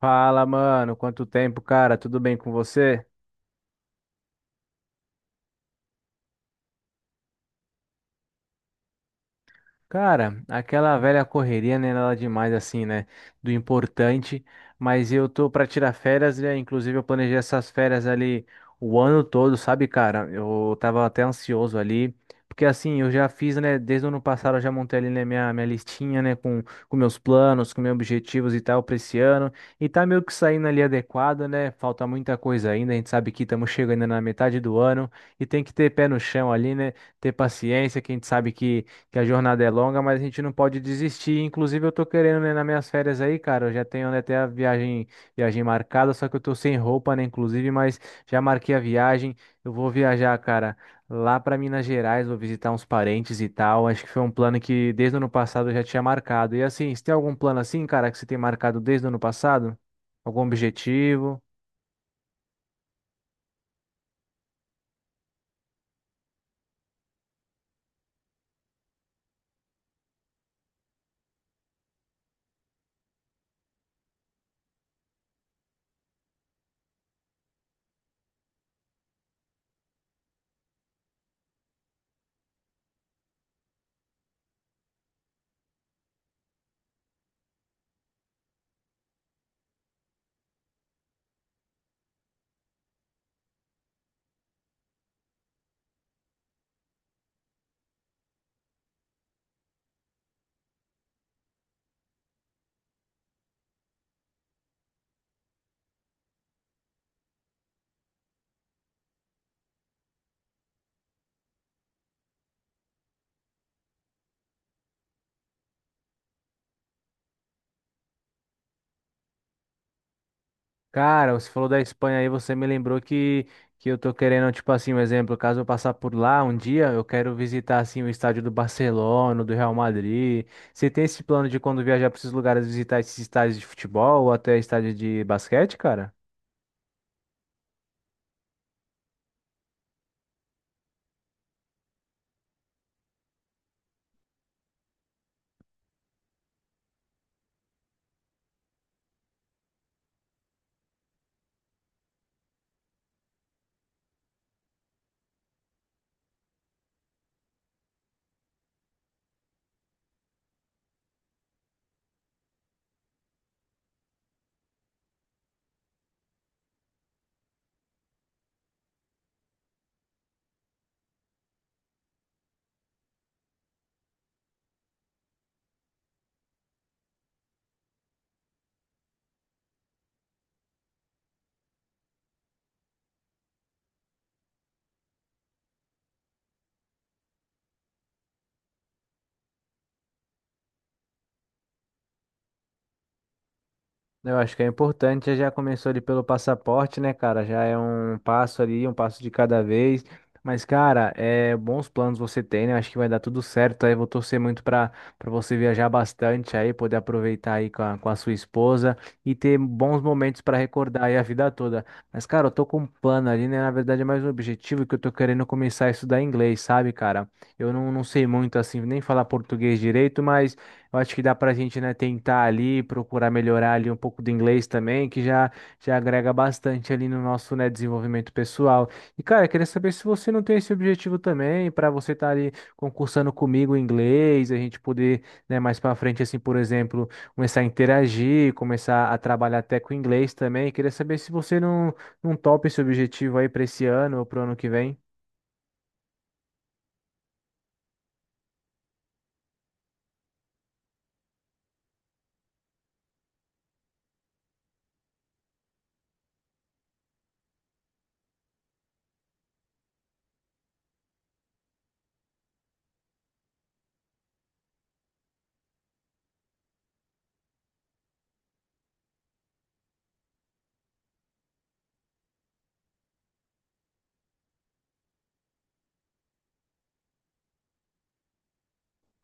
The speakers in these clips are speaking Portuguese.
Fala, mano. Quanto tempo, cara? Tudo bem com você? Cara, aquela velha correria, né, nada demais assim, né, do importante, mas eu tô pra tirar férias, né, inclusive eu planejei essas férias ali o ano todo, sabe, cara? Eu tava até ansioso ali, porque assim, eu já fiz, né, desde o ano passado eu já montei ali, né, minha listinha, né, com meus planos, com meus objetivos e tal pra esse ano, e tá meio que saindo ali adequado, né, falta muita coisa ainda, a gente sabe que estamos chegando na metade do ano, e tem que ter pé no chão ali, né, ter paciência, que a gente sabe que a jornada é longa, mas a gente não pode desistir. Inclusive, eu tô querendo, né, nas minhas férias aí, cara, eu já tenho, né, até a viagem, viagem marcada, só que eu tô sem roupa, né, inclusive, mas já marquei a viagem. Eu vou viajar, cara, lá para Minas Gerais, vou visitar uns parentes e tal. Acho que foi um plano que desde o ano passado eu já tinha marcado. E assim, você tem algum plano assim, cara, que você tem marcado desde o ano passado? Algum objetivo? Cara, você falou da Espanha aí, você me lembrou que eu tô querendo, tipo assim, um exemplo, caso eu passar por lá um dia, eu quero visitar, assim, o estádio do Barcelona, do Real Madrid. Você tem esse plano de quando viajar para esses lugares, visitar esses estádios de futebol ou até estádio de basquete, cara? Eu acho que é importante, já começou ali pelo passaporte, né, cara? Já é um passo ali, um passo de cada vez. Mas, cara, é bons planos você tem, né? Acho que vai dar tudo certo. Aí vou torcer muito para você viajar bastante aí, poder aproveitar aí com a sua esposa e ter bons momentos para recordar aí a vida toda. Mas, cara, eu tô com um plano ali, né? Na verdade, é mais um objetivo que eu tô querendo começar a estudar inglês, sabe, cara? Eu não sei muito assim, nem falar português direito, mas eu acho que dá pra gente, né, tentar ali, procurar melhorar ali um pouco do inglês também, que já agrega bastante ali no nosso, né, desenvolvimento pessoal. E, cara, eu queria saber se você não tem esse objetivo também, para você estar ali concursando comigo em inglês, a gente poder, né, mais pra frente, assim, por exemplo, começar a interagir, começar a trabalhar até com inglês também. Eu queria saber se você não topa esse objetivo aí para esse ano ou pro ano que vem.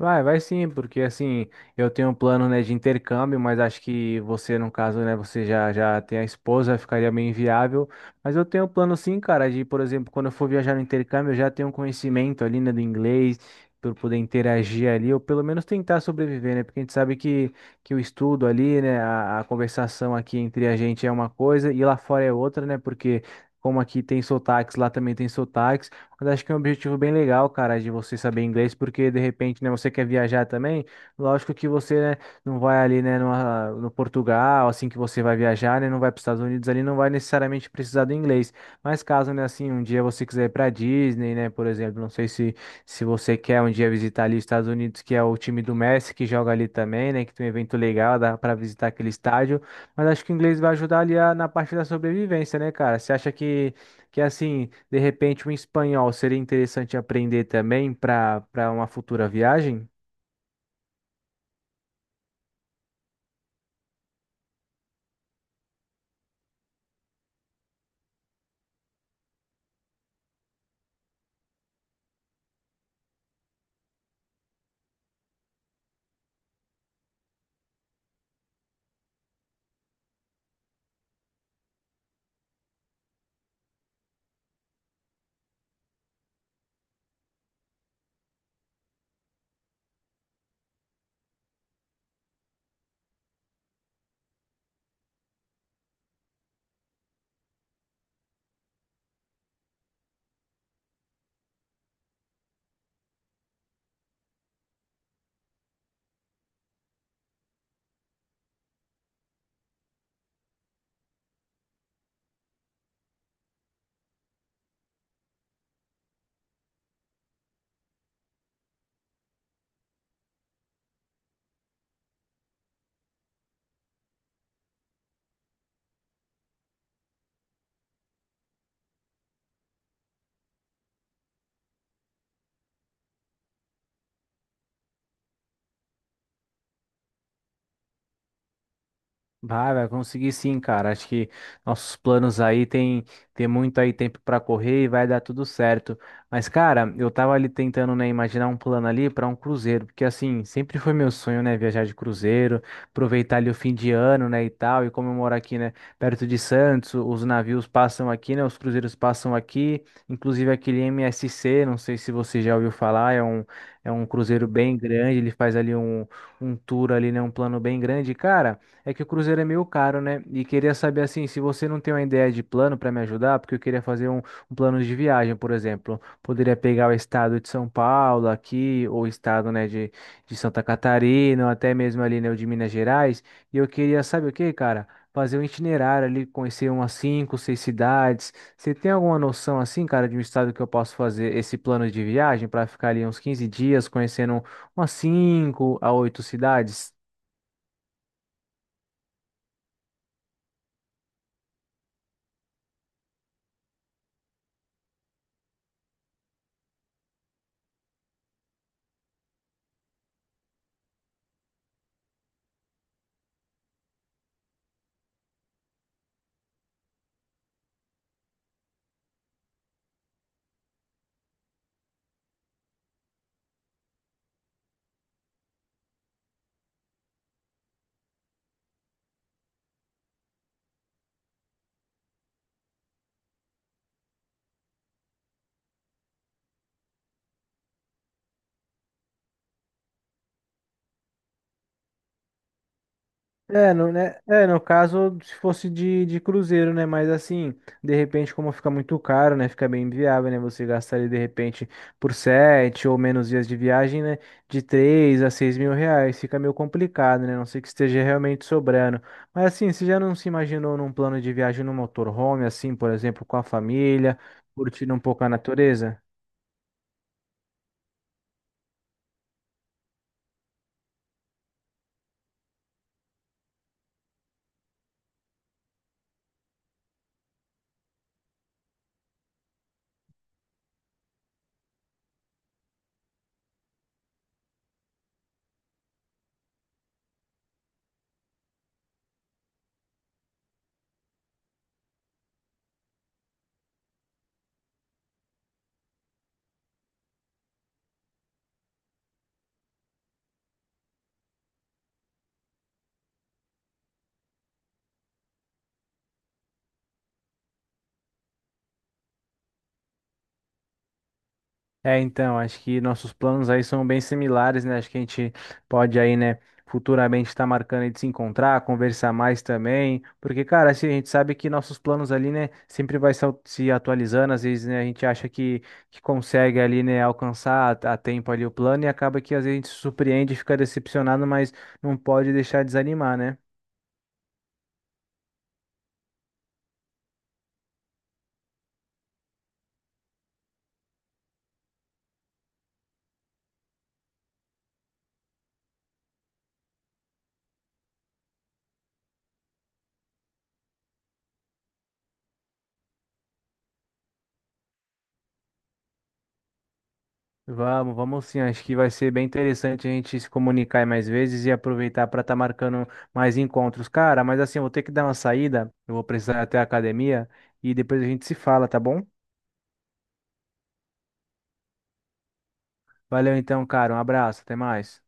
Vai, vai sim, porque assim, eu tenho um plano, né, de intercâmbio, mas acho que você, no caso, né, você já tem a esposa, ficaria meio inviável. Mas eu tenho um plano sim, cara, de, por exemplo, quando eu for viajar no intercâmbio, eu já tenho um conhecimento ali, né, do inglês, para poder interagir ali, ou pelo menos tentar sobreviver, né, porque a gente sabe que o estudo ali, né, a conversação aqui entre a gente é uma coisa e lá fora é outra, né, porque como aqui tem sotaques, lá também tem sotaques. Mas acho que é um objetivo bem legal, cara, de você saber inglês, porque de repente, né, você quer viajar também. Lógico que você, né, não vai ali, né, no Portugal, assim que você vai viajar, né, não vai para os Estados Unidos ali, não vai necessariamente precisar do inglês. Mas caso, né, assim, um dia você quiser ir para Disney, né, por exemplo, não sei se você quer um dia visitar ali os Estados Unidos, que é o time do Messi que joga ali também, né, que tem um evento legal, dá para visitar aquele estádio. Mas acho que o inglês vai ajudar ali a- na parte da sobrevivência, né, cara? Você acha que assim, de repente um espanhol seria interessante aprender também para uma futura viagem? Vai, vai conseguir sim, cara. Acho que nossos planos aí tem muito aí tempo pra correr e vai dar tudo certo. Mas, cara, eu tava ali tentando, né, imaginar um plano ali pra um cruzeiro, porque assim, sempre foi meu sonho, né, viajar de cruzeiro, aproveitar ali o fim de ano, né, e tal, e como eu moro aqui, né, perto de Santos, os navios passam aqui, né, os cruzeiros passam aqui, inclusive aquele MSC, não sei se você já ouviu falar, é um cruzeiro bem grande, ele faz ali um tour ali, né, um plano bem grande, cara. É que o cruzeiro é meio caro, né? E queria saber assim, se você não tem uma ideia de plano para me ajudar, porque eu queria fazer um plano de viagem, por exemplo. Poderia pegar o estado de São Paulo aqui, ou o estado, né, de Santa Catarina, ou até mesmo ali, né, o de Minas Gerais. E eu queria, sabe o que, cara? Fazer um itinerário ali, conhecer umas cinco, seis cidades. Você tem alguma noção assim, cara, de um estado que eu posso fazer esse plano de viagem para ficar ali uns 15 dias conhecendo umas cinco a oito cidades? É, no, né? É, no caso, se fosse de cruzeiro, né? Mas assim, de repente, como fica muito caro, né? Fica bem inviável, né? Você gastar ali, de repente, por sete ou menos dias de viagem, né? De R$ 3 a 6 mil. Fica meio complicado, né? A não ser que esteja realmente sobrando. Mas assim, você já não se imaginou num plano de viagem no motorhome, assim, por exemplo, com a família, curtindo um pouco a natureza? É, então, acho que nossos planos aí são bem similares, né? Acho que a gente pode aí, né, futuramente estar marcando aí de se encontrar, conversar mais também, porque, cara, assim, a gente sabe que nossos planos ali, né, sempre vai se se atualizando, às vezes, né, a gente acha que consegue ali, né, alcançar a tempo ali o plano e acaba que às vezes a gente se surpreende e fica decepcionado, mas não pode deixar de desanimar, né? Vamos, vamos sim. Acho que vai ser bem interessante a gente se comunicar aí mais vezes e aproveitar para estar marcando mais encontros. Cara, mas assim, eu vou ter que dar uma saída. Eu vou precisar ir até a academia e depois a gente se fala, tá bom? Valeu então, cara. Um abraço. Até mais.